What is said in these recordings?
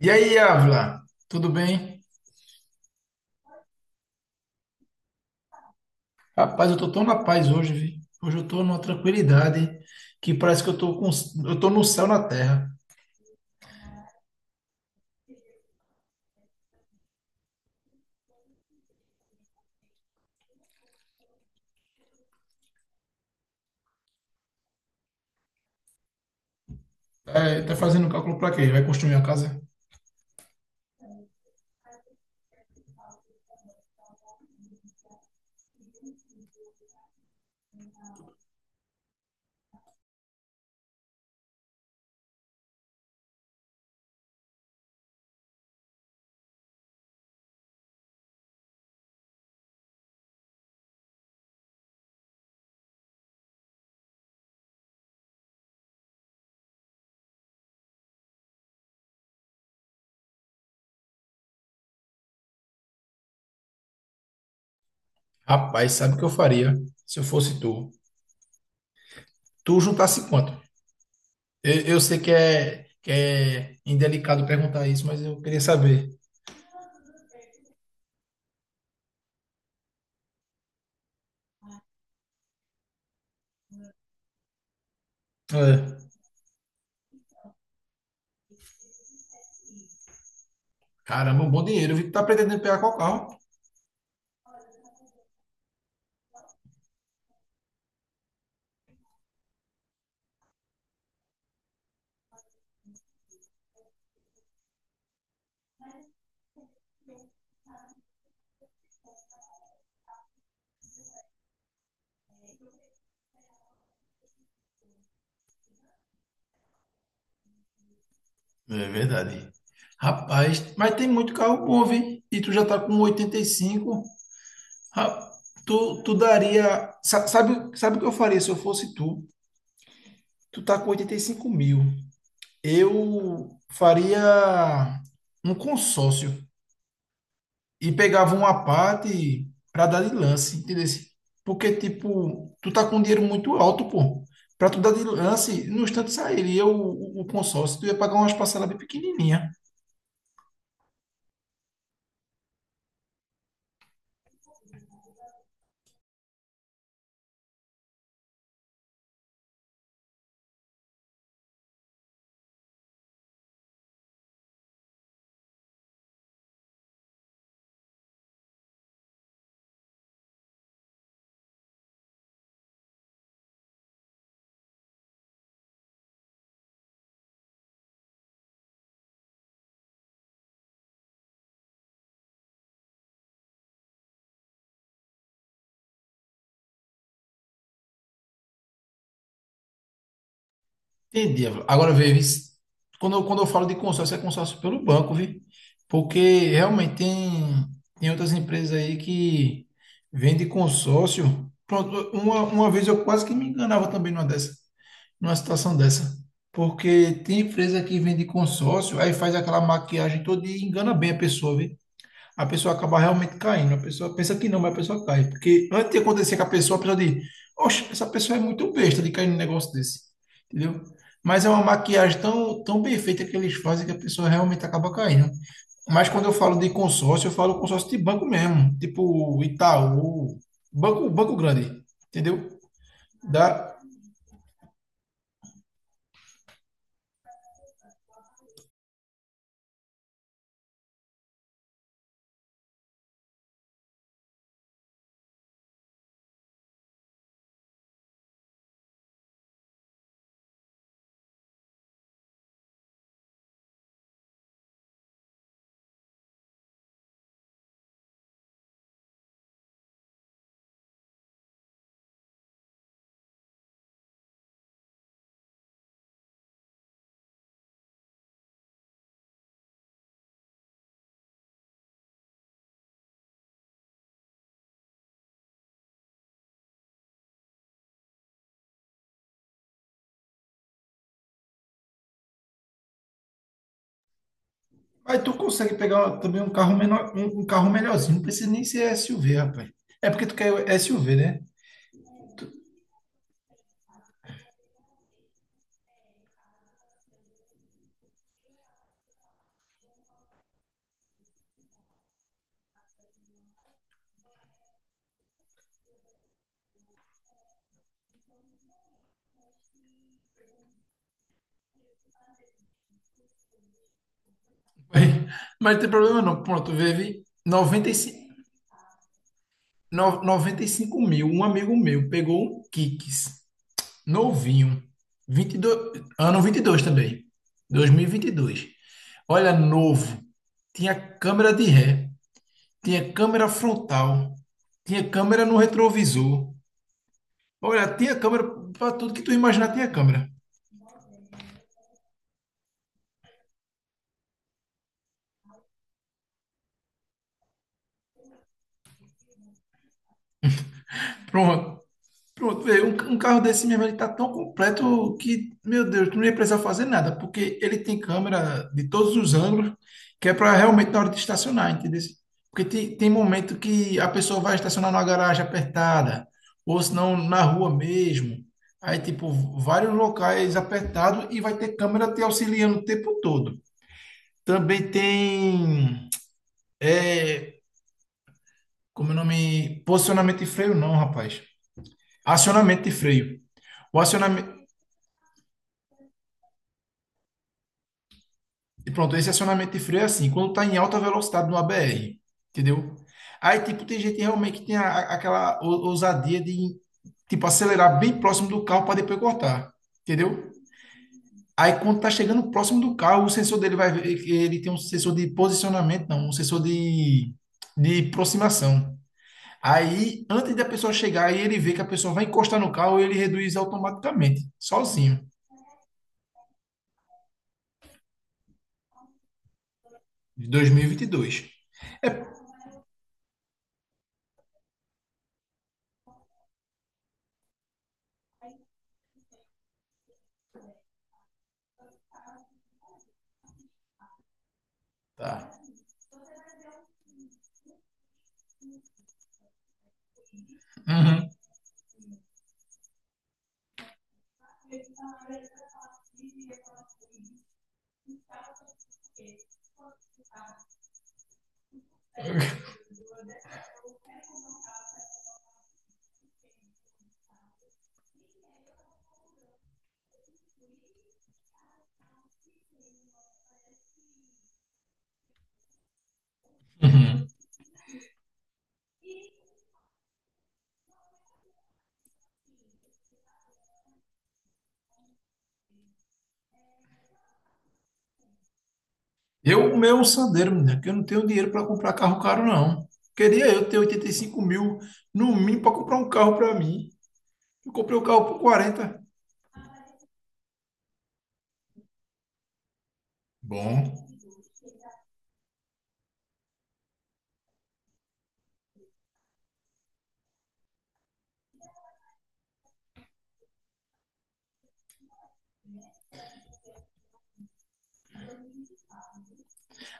E aí, Ávila, tudo bem? Rapaz, eu tô tão na paz hoje, vi. Hoje eu tô numa tranquilidade que parece que eu tô com, eu tô no céu na terra. É, tá fazendo cálculo pra quê? Vai construir uma casa? Rapaz, sabe o que eu faria se eu fosse tu? Tu juntasse quanto? Eu sei que é indelicado perguntar isso, mas eu queria saber. É. Caramba, um bom dinheiro, vi. Tu tá pretendendo pegar qual carro? É verdade. Rapaz, mas tem muito carro bom, vi. E tu já tá com 85? Ra- tu daria. Sabe, sabe o que eu faria se eu fosse tu? Tu tá com 85 mil. Eu faria um consórcio e pegava uma parte pra dar de lance, entendeu? Porque, tipo, tu tá com um dinheiro muito alto, pô. Pra tu dar de lance, no instante sairia o consórcio, tu ia pagar umas parcelas bem pequenininha. Entendi. Agora, vê, quando eu falo de consórcio, é consórcio pelo banco, viu? Porque realmente tem, tem outras empresas aí que vendem consórcio. Pronto, uma vez eu quase que me enganava também numa dessa, numa situação dessa. Porque tem empresa que vende consórcio, aí faz aquela maquiagem toda e engana bem a pessoa, viu? A pessoa acaba realmente caindo. A pessoa pensa que não, mas a pessoa cai. Porque antes de acontecer com a pessoa diz, oxe, essa pessoa é muito besta de cair num negócio desse. Entendeu? Mas é uma maquiagem tão, tão bem feita que eles fazem que a pessoa realmente acaba caindo. Mas quando eu falo de consórcio, eu falo consórcio de banco mesmo, tipo Itaú, banco grande, entendeu? Dá. Aí tu consegue pegar também um carro menor, um carro melhorzinho, não precisa nem ser SUV, rapaz. É porque tu quer SUV, né? Mas, mas tem problema não. Pronto, teve 95, 95 mil. Um amigo meu pegou um Kicks, novinho, 22 ano 22 também, dois mil e vinte e dois. Olha, novo. Tinha câmera de ré, tinha câmera frontal, tinha câmera no retrovisor. Olha, tinha câmera para tudo que tu imaginar, tinha câmera. Pronto. Pronto, vê, um carro desse mesmo, ele tá tão completo que, meu Deus, tu não ia precisar fazer nada, porque ele tem câmera de todos os ângulos, que é para realmente na hora de estacionar, entendeu? Porque tem, tem momento que a pessoa vai estacionar numa garagem apertada, ou se não na rua mesmo. Aí, tipo, vários locais apertados e vai ter câmera te auxiliando o tempo todo. Também tem, é, como é o nome? Posicionamento de freio, não, rapaz. Acionamento de freio. O acionamento, e pronto, esse acionamento de freio é assim, quando tá em alta velocidade no ABR, entendeu? Aí, tipo, tem gente realmente que tem aquela ousadia de, tipo, acelerar bem próximo do carro para depois cortar, entendeu? Aí, quando tá chegando próximo do carro, o sensor dele vai ver que ele tem um sensor de posicionamento, não, um sensor de aproximação. Aí, antes da pessoa chegar, aí ele vê que a pessoa vai encostar no carro e ele reduz automaticamente, sozinho, de 2022. Tá. Uhum. Eu, o meu é um Sandero, menina, que eu não tenho dinheiro para comprar carro caro, não. Queria eu ter 85 mil no mínimo para comprar um carro para mim. Eu comprei o carro por quarenta. Bom.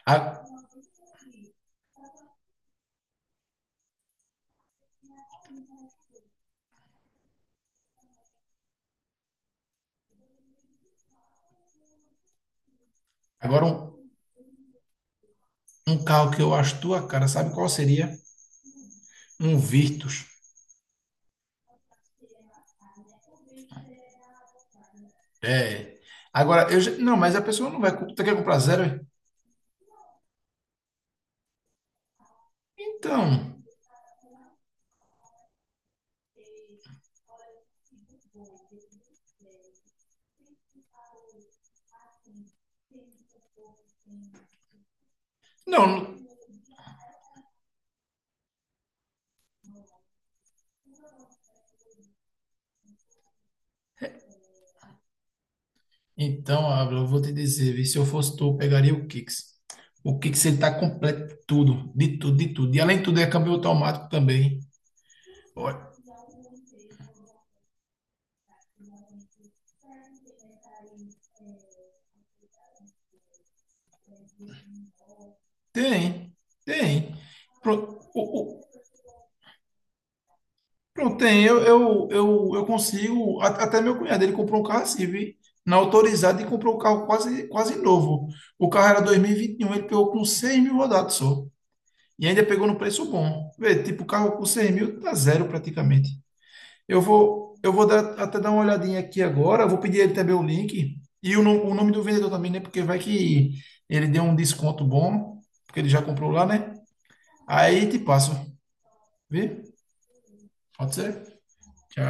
A- Agora, um carro que eu acho tua cara, sabe qual seria? Um Virtus. É. Agora, não, mas a pessoa não vai. Tu quer comprar zero? É? Então. Não. não- Então, Ávila, eu vou te dizer, vi, se eu fosse tu, eu pegaria o Kicks. O Kicks, ele tá completo, tudo, de tudo, de tudo. E além de tudo, é câmbio automático também. Tem, tem. Pronto, pronto, tem. Eu consigo. Até meu cunhado, ele comprou um carro assim, viu? Na autorizada, ele comprou um carro quase, quase novo. O carro era 2021, ele pegou com 6 mil rodados só. E ainda pegou no preço bom. Vê, tipo, o carro com 6 mil tá zero praticamente. Eu vou dar, até dar uma olhadinha aqui agora. Vou pedir ele também o link. E o, no- o nome do vendedor também, né? Porque vai que ele deu um desconto bom, porque ele já comprou lá, né? Aí te passo, viu? Pode ser? Que